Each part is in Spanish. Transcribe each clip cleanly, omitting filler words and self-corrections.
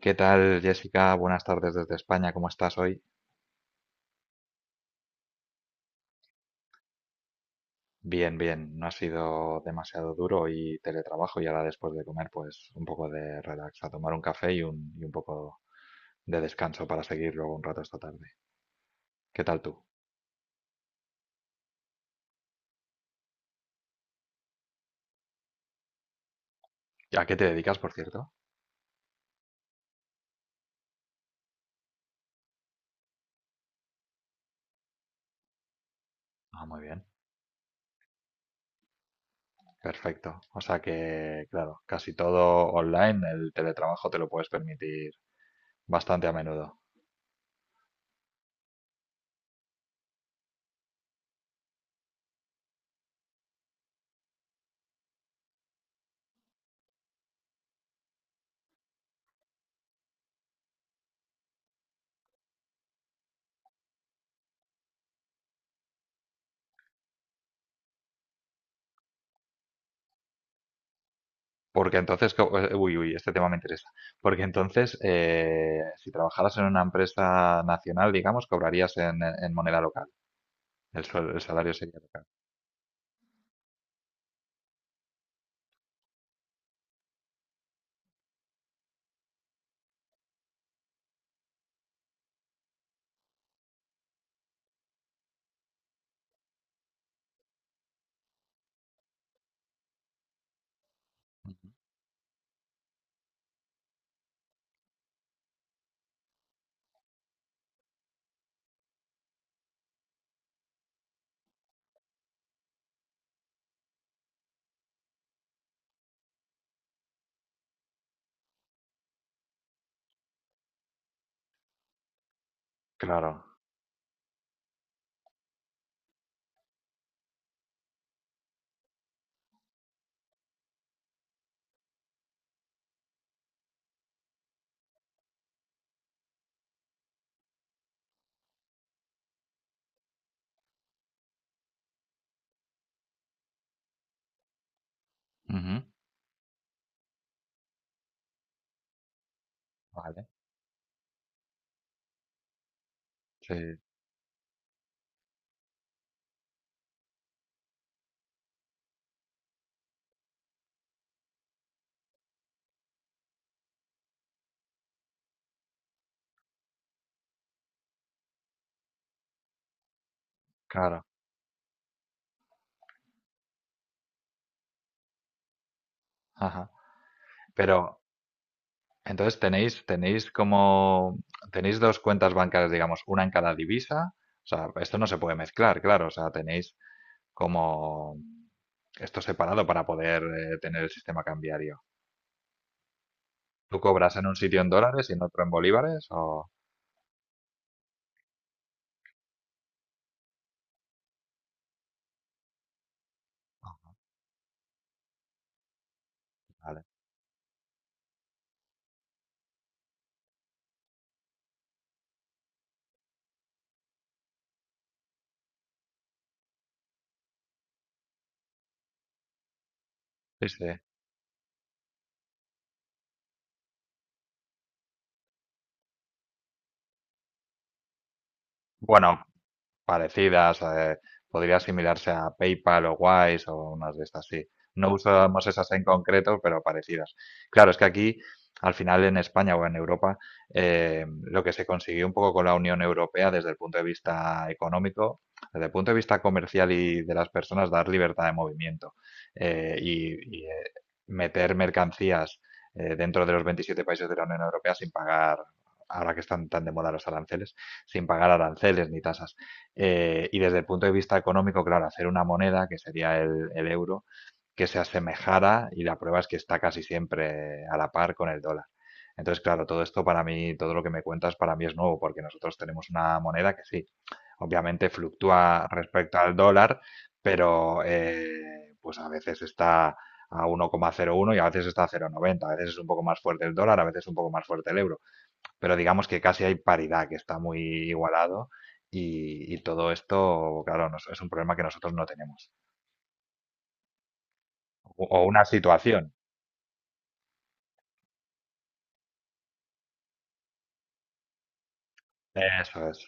¿Qué tal, Jessica? Buenas tardes desde España. ¿Cómo estás hoy? Bien, bien. No ha sido demasiado duro y teletrabajo y ahora después de comer, pues un poco de relax, a tomar un café y un poco de descanso para seguir luego un rato esta tarde. ¿Qué tal tú? ¿A qué te dedicas, por cierto? Ah, muy bien. Perfecto. O sea que, claro, casi todo online, el teletrabajo te lo puedes permitir bastante a menudo. Uy, uy, este tema me interesa. Porque entonces, si trabajaras en una empresa nacional, digamos, cobrarías en moneda local. El salario sería local. Claro. Ujú. Vale. Sí, claro. Ajá. Pero entonces tenéis como, tenéis dos cuentas bancarias, digamos, una en cada divisa. O sea, esto no se puede mezclar, claro. O sea, tenéis como esto separado para poder tener el sistema cambiario. ¿Tú cobras en un sitio en dólares y en otro en bolívares? O... Vale. Sí, sí. Bueno, parecidas, podría asimilarse a PayPal o Wise o unas de estas, sí. No usamos esas en concreto, pero parecidas. Claro, es que aquí, al final en España o en Europa, lo que se consiguió un poco con la Unión Europea desde el punto de vista económico, desde el punto de vista comercial y de las personas, dar libertad de movimiento eh, y, y, eh, meter mercancías dentro de los 27 países de la Unión Europea sin pagar, ahora que están tan de moda los aranceles, sin pagar aranceles ni tasas. Y desde el punto de vista económico, claro, hacer una moneda, que sería el euro, que se asemejara, y la prueba es que está casi siempre a la par con el dólar. Entonces, claro, todo esto para mí, todo lo que me cuentas para mí es nuevo, porque nosotros tenemos una moneda que sí, obviamente fluctúa respecto al dólar, pero pues a veces está a 1,01 y a veces está a 0,90, a veces es un poco más fuerte el dólar, a veces un poco más fuerte el euro. Pero digamos que casi hay paridad, que está muy igualado y todo esto, claro, nos- es un problema que nosotros no tenemos. O una situación. Eso es.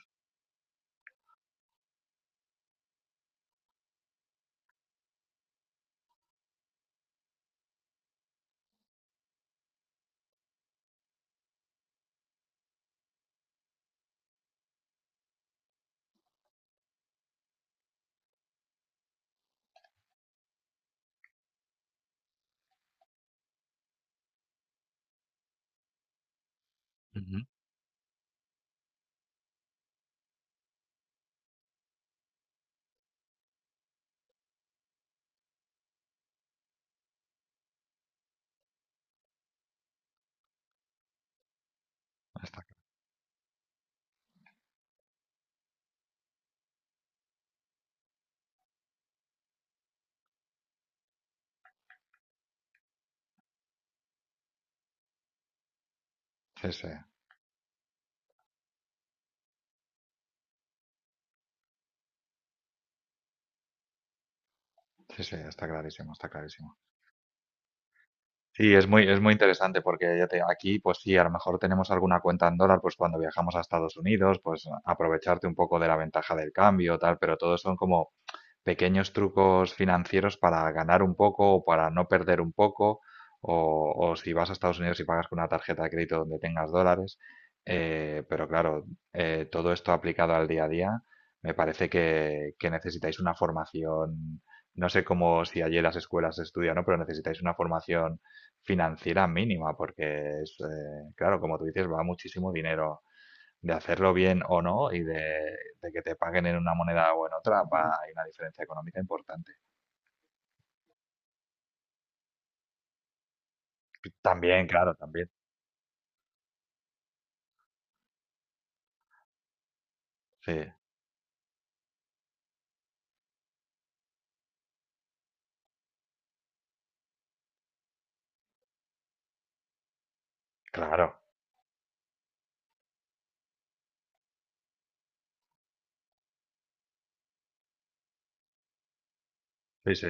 Ujú, está- sí, sí, sí, sí, está clarísimo, está clarísimo. Sí, es muy interesante porque ya te, aquí, pues sí, a lo mejor tenemos alguna cuenta en dólar, pues cuando viajamos a Estados Unidos, pues aprovecharte un poco de la ventaja del cambio, tal, pero todo son como pequeños trucos financieros para ganar un poco o para no perder un poco, o si vas a Estados Unidos y pagas con una tarjeta de crédito donde tengas dólares. Pero claro, todo esto aplicado al día a día, me parece que necesitáis una formación, no sé cómo si allí en las escuelas se estudia, ¿no? Pero necesitáis una formación financiera mínima, porque es, claro, como tú dices, va muchísimo dinero de hacerlo bien o no y de que te paguen en una moneda o en otra, va, hay una diferencia económica importante. También, claro, también. Sí, claro. Sí, sí,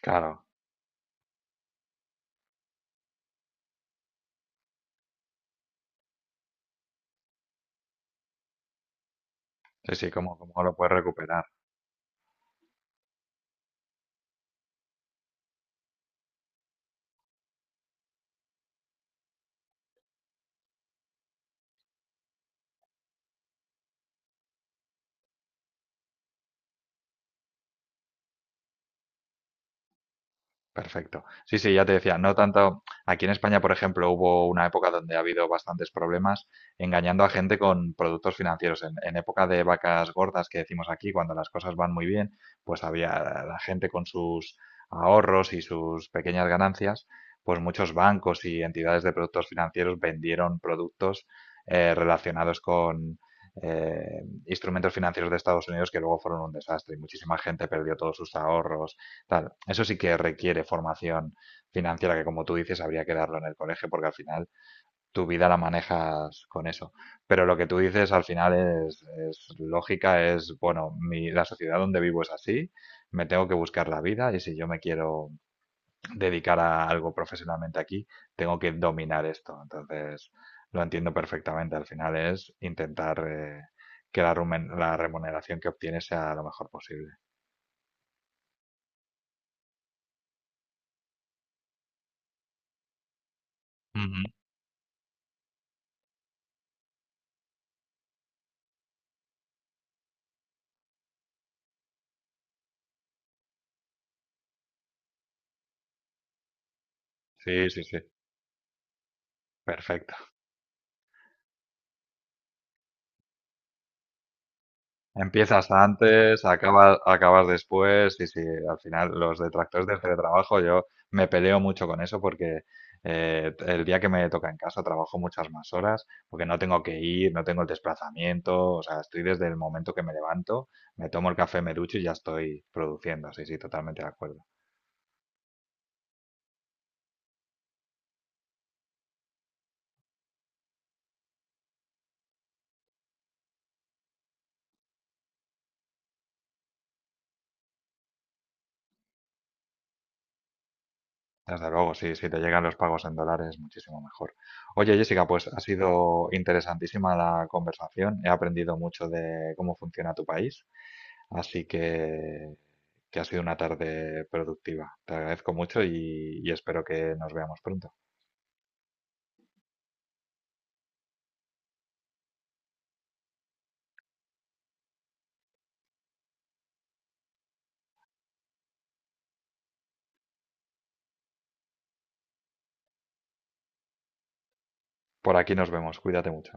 claro. Sí, sí, ¿cómo, cómo lo puedes recuperar? Perfecto. Sí, sí, ya te decía, no tanto. Aquí en España, por ejemplo, hubo una época donde ha habido bastantes problemas engañando a gente con productos financieros. En época de vacas gordas que decimos aquí, cuando las cosas van muy bien, pues había la gente con sus ahorros y sus pequeñas ganancias, pues muchos bancos y entidades de productos financieros vendieron productos relacionados con instrumentos financieros de Estados Unidos que luego fueron un desastre y muchísima gente perdió todos sus ahorros. Claro, eso sí que requiere formación financiera que, como tú dices, habría que darlo en el colegio porque al final tu vida la manejas con eso. Pero lo que tú dices al final es, es lógica, es, bueno, mi, la sociedad donde vivo es así, me tengo que buscar la vida, y si yo me quiero dedicar a algo profesionalmente aquí, tengo que dominar esto. Entonces, lo entiendo perfectamente. Al final es intentar que la remuneración que obtienes sea lo mejor posible. Ujú. Sí, sí, sí. Perfecto. Empiezas antes, acabas después, y sí, al final los detractores del teletrabajo, yo me peleo mucho con eso porque el día que me toca en casa trabajo muchas más horas porque no tengo que ir, no tengo el desplazamiento, o sea, estoy desde el momento que me levanto, me tomo el café, me ducho y ya estoy produciendo, sí, sí, totalmente de acuerdo. Desde luego, sí, si te llegan los pagos en dólares, muchísimo mejor. Oye, Jessica, pues ha sido interesantísima la conversación. He aprendido mucho de cómo funciona tu país, así que ha sido una tarde productiva. Te agradezco mucho y espero que nos veamos pronto. Por aquí nos vemos. Cuídate mucho.